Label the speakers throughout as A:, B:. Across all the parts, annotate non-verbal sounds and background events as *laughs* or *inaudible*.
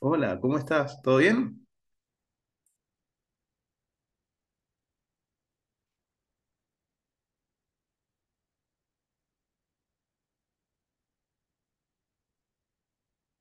A: Hola, ¿cómo estás? ¿Todo bien?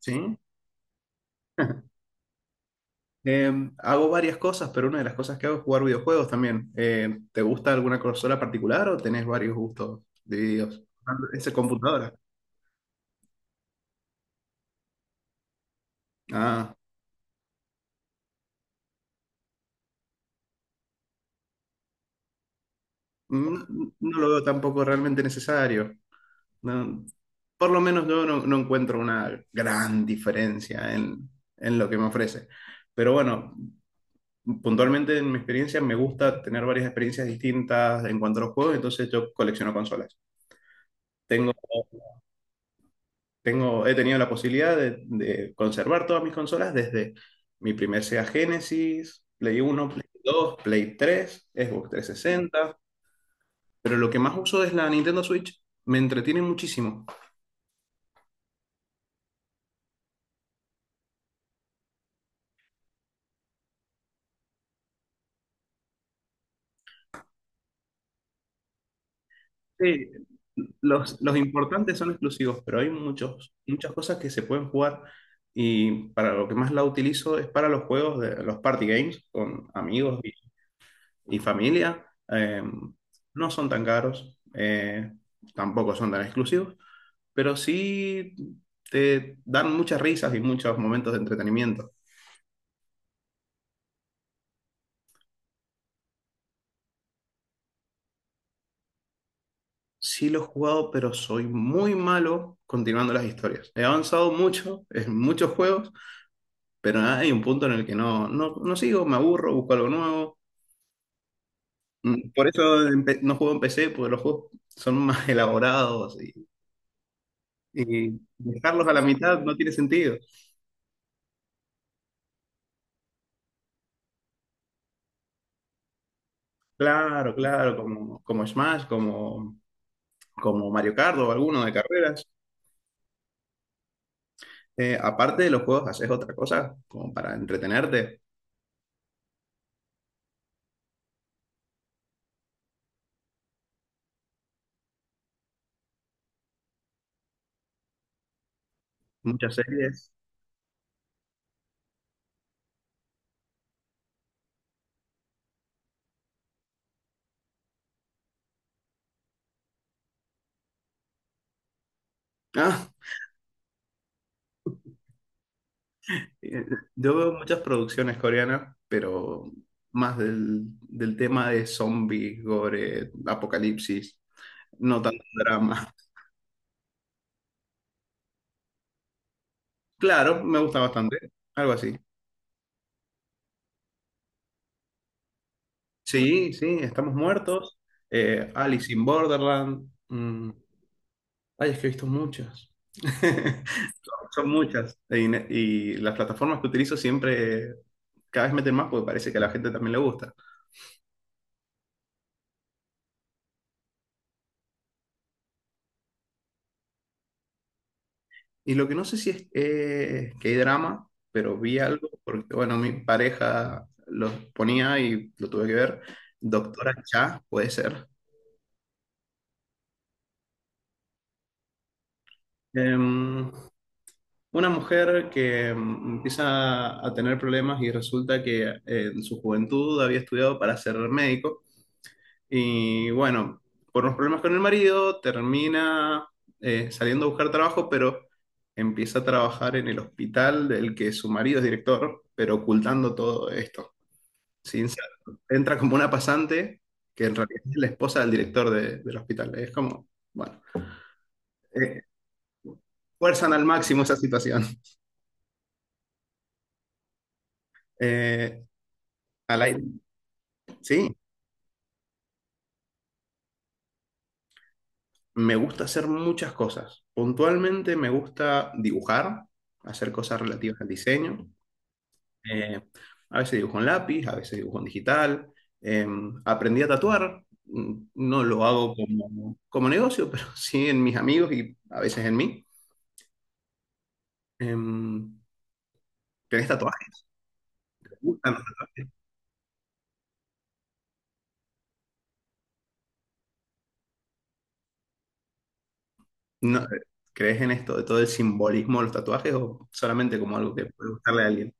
A: Sí. *laughs* Hago varias cosas, pero una de las cosas que hago es jugar videojuegos también. ¿Te gusta alguna consola particular o tenés varios gustos divididos? Ah, ¿esa computadora? Ah, no, lo veo tampoco realmente necesario. No, por lo menos yo no encuentro una gran diferencia en lo que me ofrece. Pero bueno, puntualmente en mi experiencia me gusta tener varias experiencias distintas en cuanto a los juegos, entonces yo colecciono consolas. Tengo Tengo, he tenido la posibilidad de conservar todas mis consolas desde mi primer Sega Genesis, Play Uno, Play Dos, Play Tres, Xbox 360, pero lo que más uso es la Nintendo Switch. Me entretiene muchísimo. Sí, los importantes son exclusivos, pero hay muchos, muchas cosas que se pueden jugar, y para lo que más la utilizo es para los juegos de los party games con amigos y familia. No son tan caros, tampoco son tan exclusivos, pero sí te dan muchas risas y muchos momentos de entretenimiento. Sí lo he jugado, pero soy muy malo continuando las historias. He avanzado mucho *laughs* en muchos juegos, pero hay un punto en el que no sigo, me aburro, busco algo nuevo. Por eso no juego en PC, porque los juegos son más *laughs* elaborados, y dejarlos a la mitad no tiene sentido. Claro, claro, como Smash, como, como Mario Kart o alguno de carreras. Aparte de los juegos, ¿haces otra cosa como para entretenerte? Muchas series. Ah, eh, yo veo muchas producciones coreanas, pero más del tema de zombies, gore, apocalipsis, no tanto drama. *laughs* Claro, me gusta bastante, algo así. Sí, sí, estamos muertos. Alice in Borderland. Mm, Ay, es que he visto muchas. *laughs* Son muchas. Y las plataformas que utilizo siempre cada vez meten más porque parece que a la gente también le gusta. Y lo que no sé si es que hay drama, pero vi algo, porque bueno, mi pareja lo ponía y lo tuve que ver. Doctora Cha, puede ser. Em, una mujer que empieza a tener problemas y resulta que en su juventud había estudiado para ser médico. Y bueno, por unos problemas con el marido, termina saliendo a buscar trabajo, pero empieza a trabajar en el hospital del que su marido es director, pero ocultando todo esto. Sin sa- Entra como una pasante, que en realidad es la esposa del hospital. Es como, bueno, eh, fuerzan al máximo esa situación. Eh, Al aire. Sí, me gusta hacer muchas cosas. Puntualmente me gusta dibujar, hacer cosas relativas al diseño. Eh, a veces dibujo en lápiz, a veces dibujo en digital. Eh, Aprendí a tatuar, mm, no lo hago como, como negocio, *laughs* pero sí en mis amigos y a veces en mí. Eh, ¿Tenés tatuajes? ¿Te gustan los tatuajes? No, ¿crees en esto de todo el simbolismo de los tatuajes o solamente como algo que puede gustarle a alguien?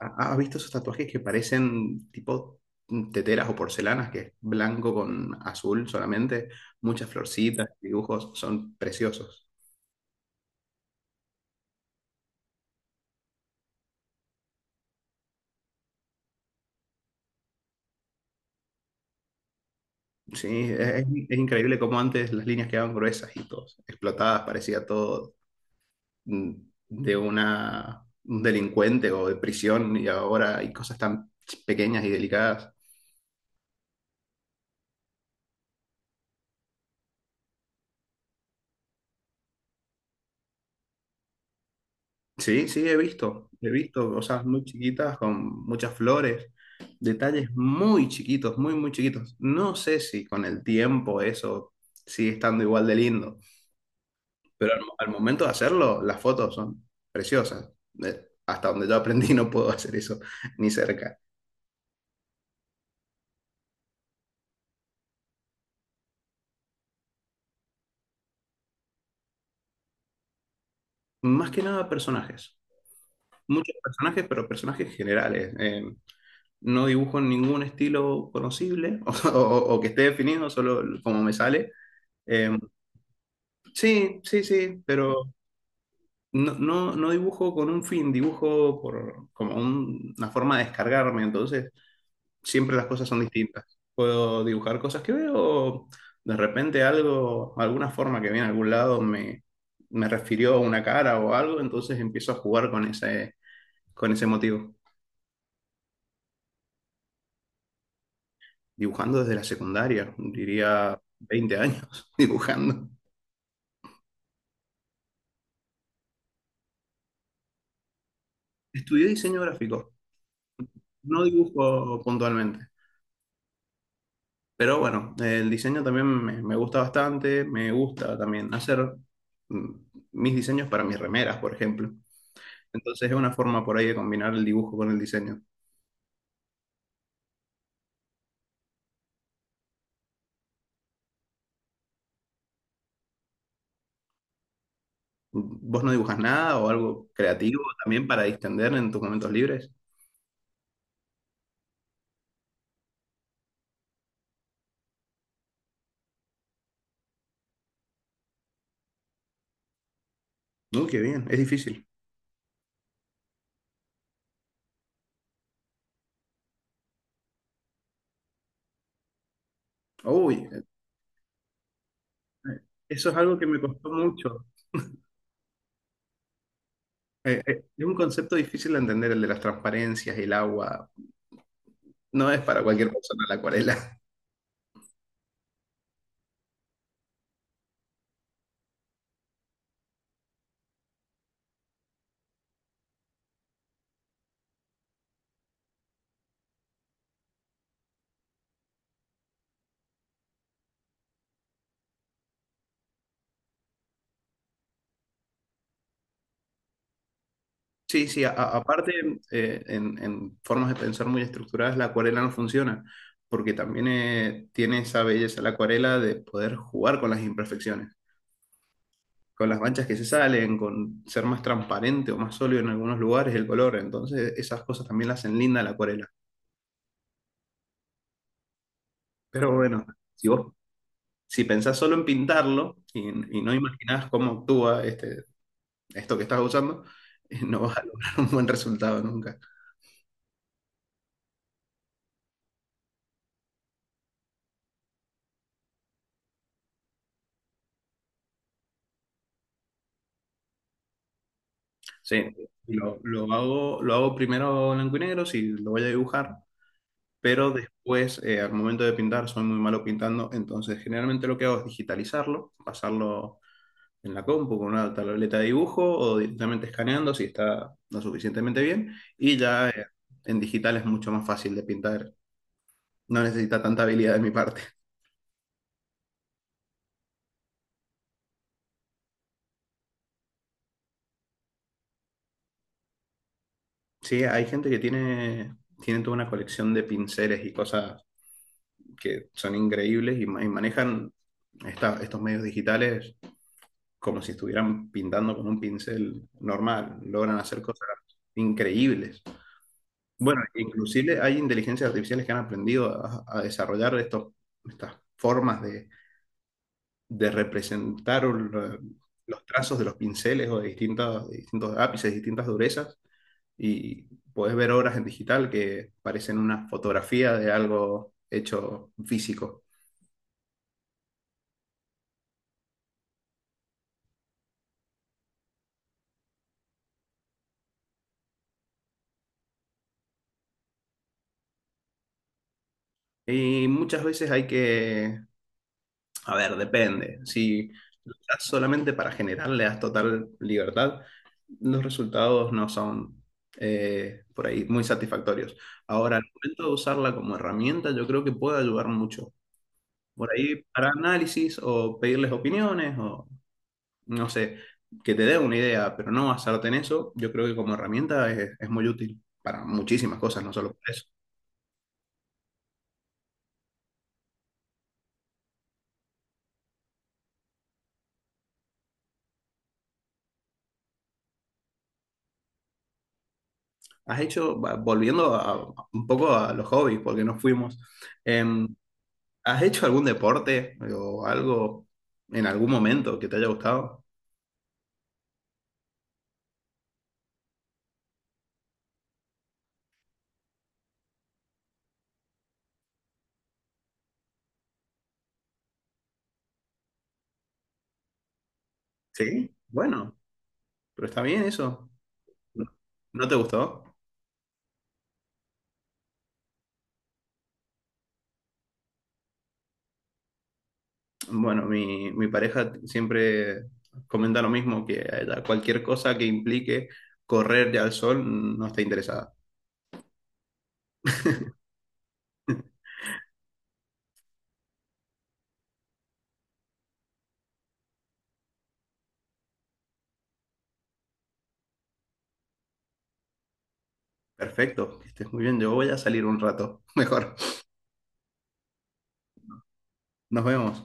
A: ¿Has visto esos tatuajes que parecen tipo teteras o porcelanas, que es blanco con azul solamente? Muchas florcitas, dibujos, son preciosos. Sí, es increíble cómo antes las líneas quedaban gruesas y todo, explotadas, parecía todo mm, de una, un delincuente o de prisión, y ahora hay cosas tan pequeñas y delicadas. Sí, sí, he visto cosas muy chiquitas con muchas flores, detalles muy chiquitos, muy, muy chiquitos. No sé si con el tiempo eso sigue estando igual de lindo, pero al momento de hacerlo, las fotos son preciosas. Hasta donde yo aprendí *laughs* no puedo hacer eso ni cerca. Más que nada personajes. Muchos personajes, pero personajes generales. No dibujo ningún estilo conocible *laughs* o, o que esté definido, solo como me sale. Eh, sí, pero no dibujo con un fin, dibujo por, como una forma de descargarme, entonces siempre las cosas son distintas. Puedo dibujar cosas que veo, o de repente algo, alguna forma que viene a algún lado me, me refirió a una cara o algo, entonces empiezo a jugar con con ese motivo. Dibujando desde la secundaria, diría 20 años *laughs* dibujando. Estudié diseño gráfico, no dibujo puntualmente, pero bueno, el diseño también me gusta bastante, me gusta también hacer mm, mis diseños para mis remeras, por ejemplo. Entonces es una forma por ahí de combinar el dibujo con el diseño. ¿Vos no dibujas nada o algo creativo también para distender en tus momentos libres? Uy, qué bien, es difícil. Uy, eso es algo que me costó mucho. Es un concepto difícil de entender el de las transparencias, el agua. No es para cualquier persona la acuarela. *laughs* Sí, sí, aparte, en formas de pensar muy estructuradas, la acuarela no funciona, porque también tiene esa belleza la acuarela de poder jugar con las imperfecciones, con las manchas que se salen, con ser más transparente o más sólido en algunos lugares el color. Entonces, esas cosas también la hacen linda la acuarela. Pero bueno, si vos, si pensás solo en pintarlo y no imaginás cómo actúa esto que estás usando, *laughs* no vas a lograr un buen resultado nunca. Sí, lo hago primero blanco y negro si lo voy a dibujar, pero después, al momento de pintar, soy muy malo pintando, entonces generalmente lo que hago es digitalizarlo, pasarlo en la compu con una tableta de dibujo o directamente escaneando si está lo suficientemente bien, y ya en digital es mucho más fácil de pintar, no necesita tanta habilidad de mi parte. Sí, hay gente que tiene, tiene toda una colección de pinceles y cosas que son increíbles y, y manejan estos medios digitales como si estuvieran pintando con un pincel normal, logran hacer cosas increíbles. Bueno, inclusive hay inteligencias artificiales que han aprendido a desarrollar estos, estas formas de representar los trazos de los pinceles o de distintas de distintos ápices, distintas durezas, y podés ver obras en digital que parecen una fotografía de algo hecho físico. Y muchas veces hay que, a ver, depende. Si luchas solamente para generar, le das total libertad, los resultados no son por ahí muy satisfactorios. Ahora, al momento de usarla como herramienta, yo creo que puede ayudar mucho. Por ahí para análisis o pedirles opiniones o no sé, que te dé una idea, pero no basarte en eso, yo creo que como herramienta es muy útil para muchísimas cosas, no solo para eso. Has hecho, volviendo un poco a los hobbies, porque nos fuimos, em, ¿has hecho algún deporte o algo en algún momento que te haya gustado? Sí. Bueno, pero está bien eso. ¿No te gustó? Bueno, mi pareja siempre comenta lo mismo, que a ella cualquier cosa que implique correr al sol no está interesada. Perfecto, que estés muy bien. Yo voy a salir un rato. *laughs* Mejor. Nos vemos.